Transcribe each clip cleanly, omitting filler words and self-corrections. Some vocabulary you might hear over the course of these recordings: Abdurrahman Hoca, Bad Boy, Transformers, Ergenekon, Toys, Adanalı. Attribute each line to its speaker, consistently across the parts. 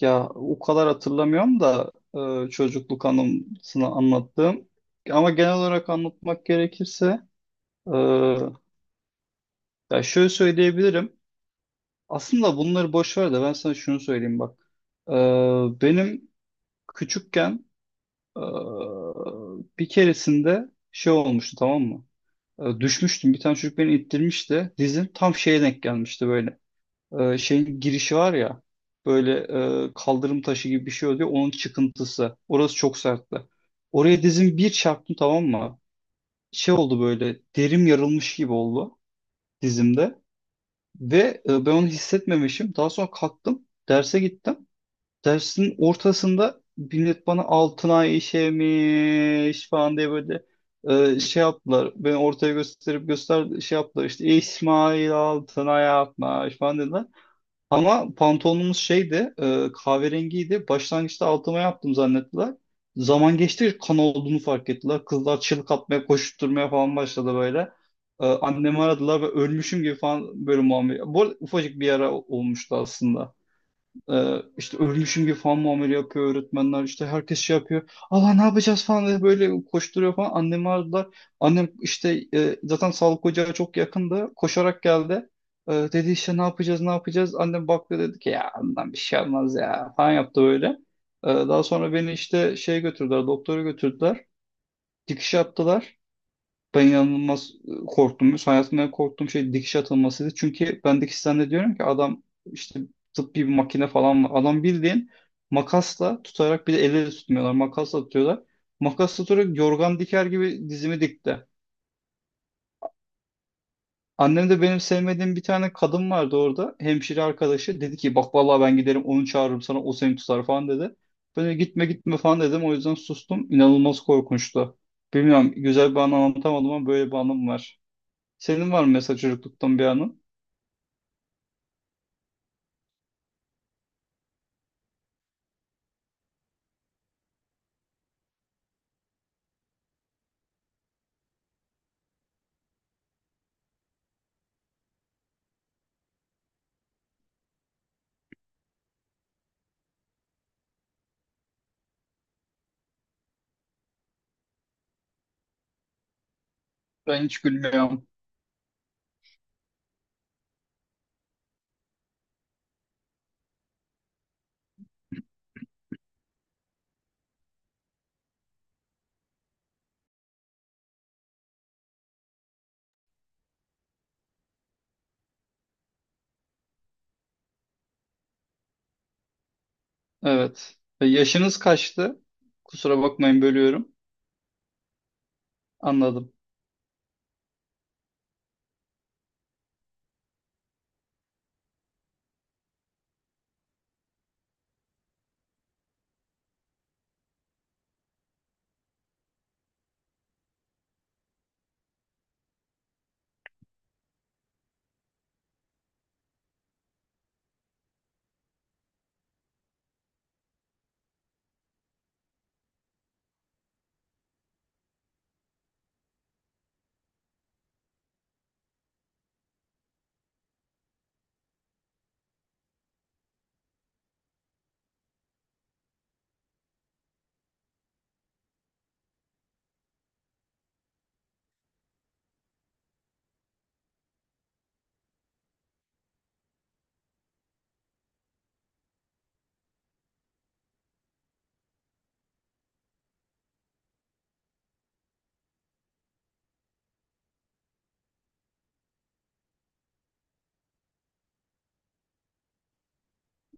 Speaker 1: Ya o kadar hatırlamıyorum da çocukluk anımsını anlattığım. Ama genel olarak anlatmak gerekirse e, ya şöyle söyleyebilirim. Aslında bunları boş ver de ben sana şunu söyleyeyim bak. E, Benim küçükken e, bir keresinde şey olmuştu, tamam mı? Düşmüştüm. Bir tane çocuk beni ittirmişti. Dizim tam şeye denk gelmişti böyle. Şeyin girişi var ya, böyle kaldırım taşı gibi bir şey oluyor onun çıkıntısı. Orası çok sertti. Oraya dizim bir çarptım, tamam mı? Şey oldu, böyle derim yarılmış gibi oldu dizimde ve ben onu hissetmemişim. Daha sonra kalktım derse gittim. Dersin ortasında millet bana altınay işemiş falan diye böyle şey yaptılar. Beni ortaya gösterip göster şey yaptılar, işte İsmail Altınay yapmış falan dediler. Ama pantolonumuz şeydi, kahverengiydi. Başlangıçta altıma yaptım zannettiler. Zaman geçti, kan olduğunu fark ettiler. Kızlar çığlık atmaya, koşturmaya falan başladı böyle. Annemi aradılar ve ölmüşüm gibi falan böyle muamele. Bu arada ufacık bir yara olmuştu aslında. İşte ölmüşüm gibi falan muamele yapıyor öğretmenler, işte herkes şey yapıyor, Allah ne yapacağız falan diye böyle koşturuyor falan, annemi aradılar. Annem işte, zaten sağlık ocağı çok yakındı, koşarak geldi. Dedi işte ne yapacağız ne yapacağız, annem baktı dedi ki ya bundan bir şey olmaz ya falan yaptı böyle. Daha sonra beni işte şeye götürdüler, doktora götürdüler, dikiş yaptılar. Ben inanılmaz korktum. Hayatımda en korktuğum şey dikiş atılmasıydı. Çünkü ben dikişten diyorum ki adam işte tıbbi bir makine falan var. Adam bildiğin makasla tutarak, bir de elle tutmuyorlar. Makasla tutuyorlar. Makas tutarak yorgan diker gibi dizimi dikti. Annem de, benim sevmediğim bir tane kadın vardı orada. Hemşire arkadaşı. Dedi ki bak vallahi ben giderim onu çağırırım sana, o seni tutar falan dedi. Ben de gitme gitme falan dedim. O yüzden sustum. İnanılmaz korkunçtu. Bilmiyorum, güzel bir anlam anlatamadım ama böyle bir anım var. Senin var mı mesela çocukluktan bir anın? Ben hiç gülmüyorum. Evet. Yaşınız kaçtı? Kusura bakmayın, bölüyorum. Anladım.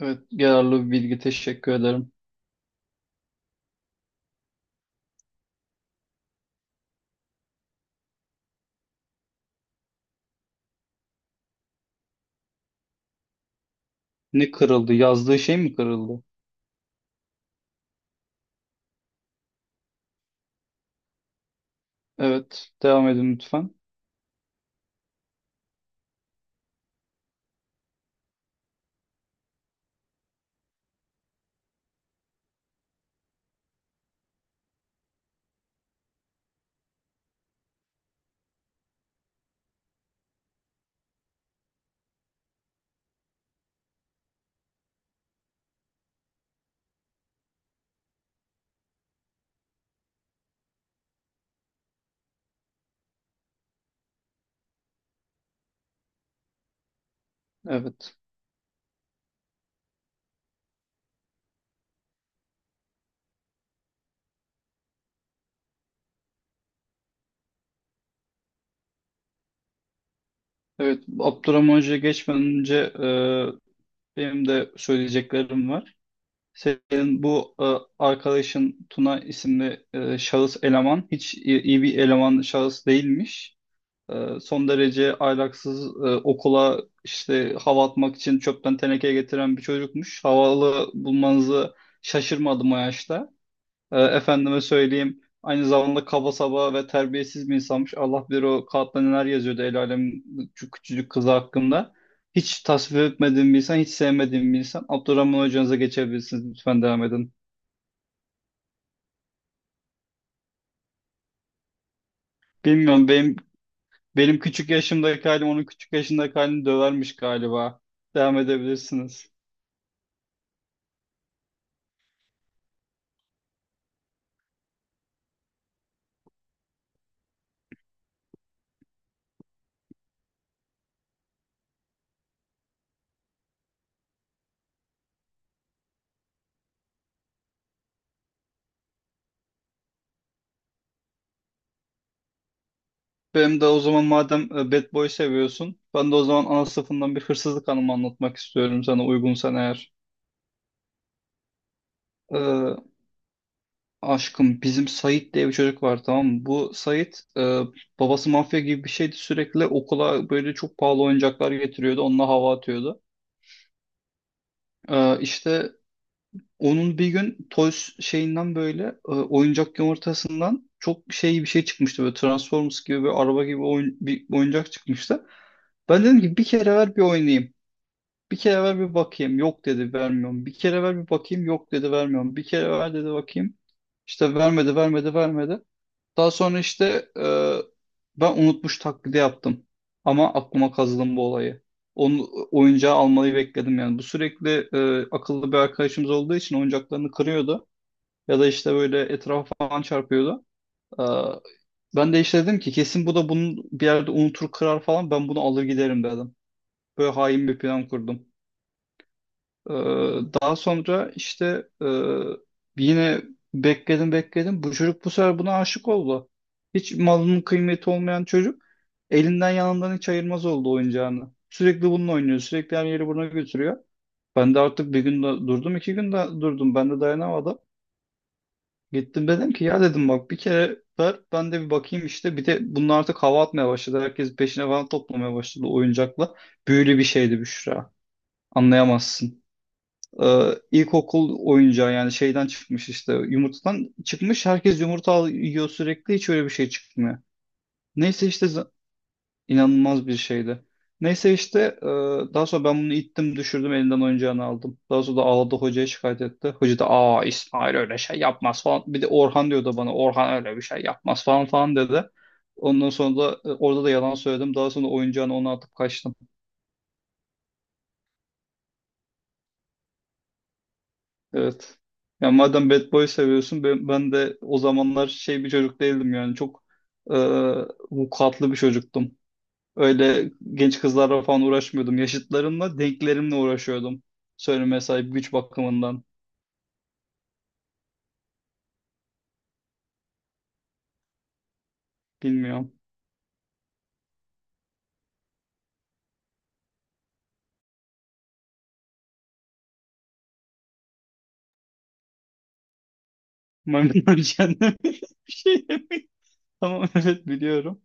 Speaker 1: Evet, yararlı bir bilgi, teşekkür ederim. Ne kırıldı? Yazdığı şey mi kırıldı? Evet, devam edin lütfen. Evet. Evet, Abdurrahman Hoca'ya geçmeden önce benim de söyleyeceklerim var. Senin bu arkadaşın Tuna isimli şahıs eleman hiç iyi iyi bir eleman şahıs değilmiş. Son derece ahlaksız, okula işte hava atmak için çöpten teneke getiren bir çocukmuş. Havalı bulmanızı şaşırmadım o yaşta. Efendime söyleyeyim, aynı zamanda kaba saba ve terbiyesiz bir insanmış. Allah bilir o kağıtta neler yazıyordu el alem şu küçücük kızı hakkında. Hiç tasvip etmediğim bir insan, hiç sevmediğim bir insan. Abdurrahman hocanıza geçebilirsiniz. Lütfen devam edin. Bilmiyorum, benim küçük yaşımdaki halim onun küçük yaşındaki halini dövermiş galiba. Devam edebilirsiniz. Benim de o zaman madem Bad Boy seviyorsun, ben de o zaman ana sınıfından bir hırsızlık anımı anlatmak istiyorum sana, uygunsan eğer. Ee, Aşkım, bizim Sait diye bir çocuk var, tamam mı? Bu Sait, babası mafya gibi bir şeydi, sürekli okula böyle çok pahalı oyuncaklar getiriyordu, onunla hava atıyordu. İşte onun bir gün Toys şeyinden böyle oyuncak yumurtasından çok şey bir şey çıkmıştı, böyle Transformers gibi bir araba gibi oyun, bir oyuncak çıkmıştı. Ben dedim ki bir kere ver bir oynayayım. Bir kere ver bir bakayım. Yok dedi, vermiyorum. Bir kere ver bir bakayım. Yok dedi, vermiyorum. Bir kere ver dedi bakayım. İşte vermedi. Daha sonra işte ben unutmuş taklidi yaptım. Ama aklıma kazıdım bu olayı. Onu, oyuncağı almayı bekledim yani. Bu sürekli akıllı bir arkadaşımız olduğu için oyuncaklarını kırıyordu. Ya da işte böyle etrafa falan çarpıyordu. E, Ben de işte dedim ki kesin bu da bunu bir yerde unutur kırar falan, ben bunu alır giderim dedim. Böyle hain bir plan kurdum. Ee, Daha sonra işte yine bekledim. Bu çocuk bu sefer buna aşık oldu. Hiç malının kıymeti olmayan çocuk elinden yanından hiç ayırmaz oldu oyuncağını. Sürekli bununla oynuyor. Sürekli her yeri buna götürüyor. Ben de artık bir gün de durdum, iki gün de durdum. Ben de dayanamadım. Gittim dedim ki ya dedim bak bir kere ver ben de bir bakayım işte. Bir de bunlar artık hava atmaya başladı. Herkes peşine falan toplamaya başladı oyuncakla. Büyülü bir şeydi Büşra. Anlayamazsın. İlkokul oyuncağı yani, şeyden çıkmış, işte yumurtadan çıkmış. Herkes yumurta al- yiyor sürekli, hiç öyle bir şey çıkmıyor. Neyse işte inanılmaz bir şeydi. Neyse işte, daha sonra ben bunu ittim, düşürdüm elinden oyuncağını aldım. Daha sonra da ağladı, hocaya şikayet etti. Hoca da aa İsmail öyle şey yapmaz falan. Bir de Orhan diyordu bana, Orhan öyle bir şey yapmaz falan falan dedi. Ondan sonra da orada da yalan söyledim. Daha sonra oyuncağını ona atıp kaçtım. Evet. Ya madem Bad Boy seviyorsun ben, ben de o zamanlar şey bir çocuk değildim yani, çok e, vukuatlı bir çocuktum. Öyle genç kızlarla falan uğraşmıyordum. Yaşıtlarımla, denklerimle uğraşıyordum. Söyleme sahip güç bakımından. Bilmiyorum. Maymunlar cehennemi bir şey. Tamam evet biliyorum.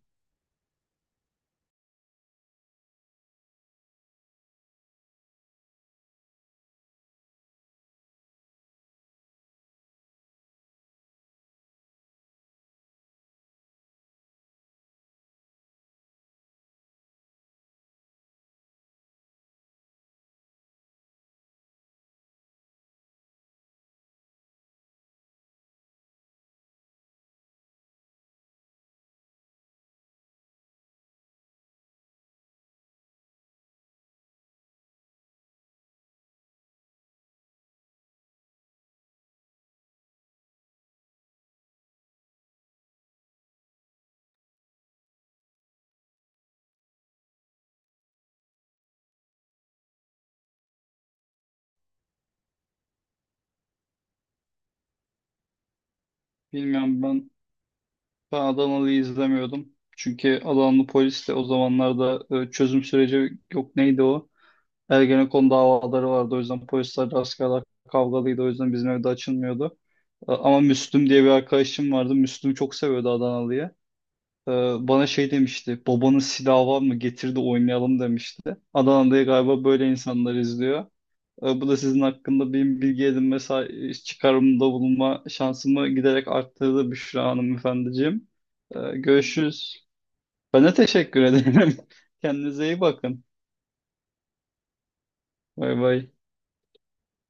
Speaker 1: Bilmiyorum ben, ben Adanalı'yı izlemiyordum. Çünkü Adanalı polis de o zamanlarda, çözüm süreci yok neydi o? Ergenekon davaları vardı. O yüzden polisler askerler kavgalıydı. O yüzden bizim evde açılmıyordu. Ama Müslüm diye bir arkadaşım vardı. Müslüm çok seviyordu Adanalı'yı. E, Bana şey demişti. Babanın silahı var mı? Getir de oynayalım demişti. Adana'da galiba böyle insanlar izliyor. Bu da sizin hakkında benim bilgi edinme sa- çıkarımda bulunma şansımı giderek arttırdı Büşra hanımefendiciğim. Görüşürüz. Ben de teşekkür ederim. Kendinize iyi bakın. Bay bay.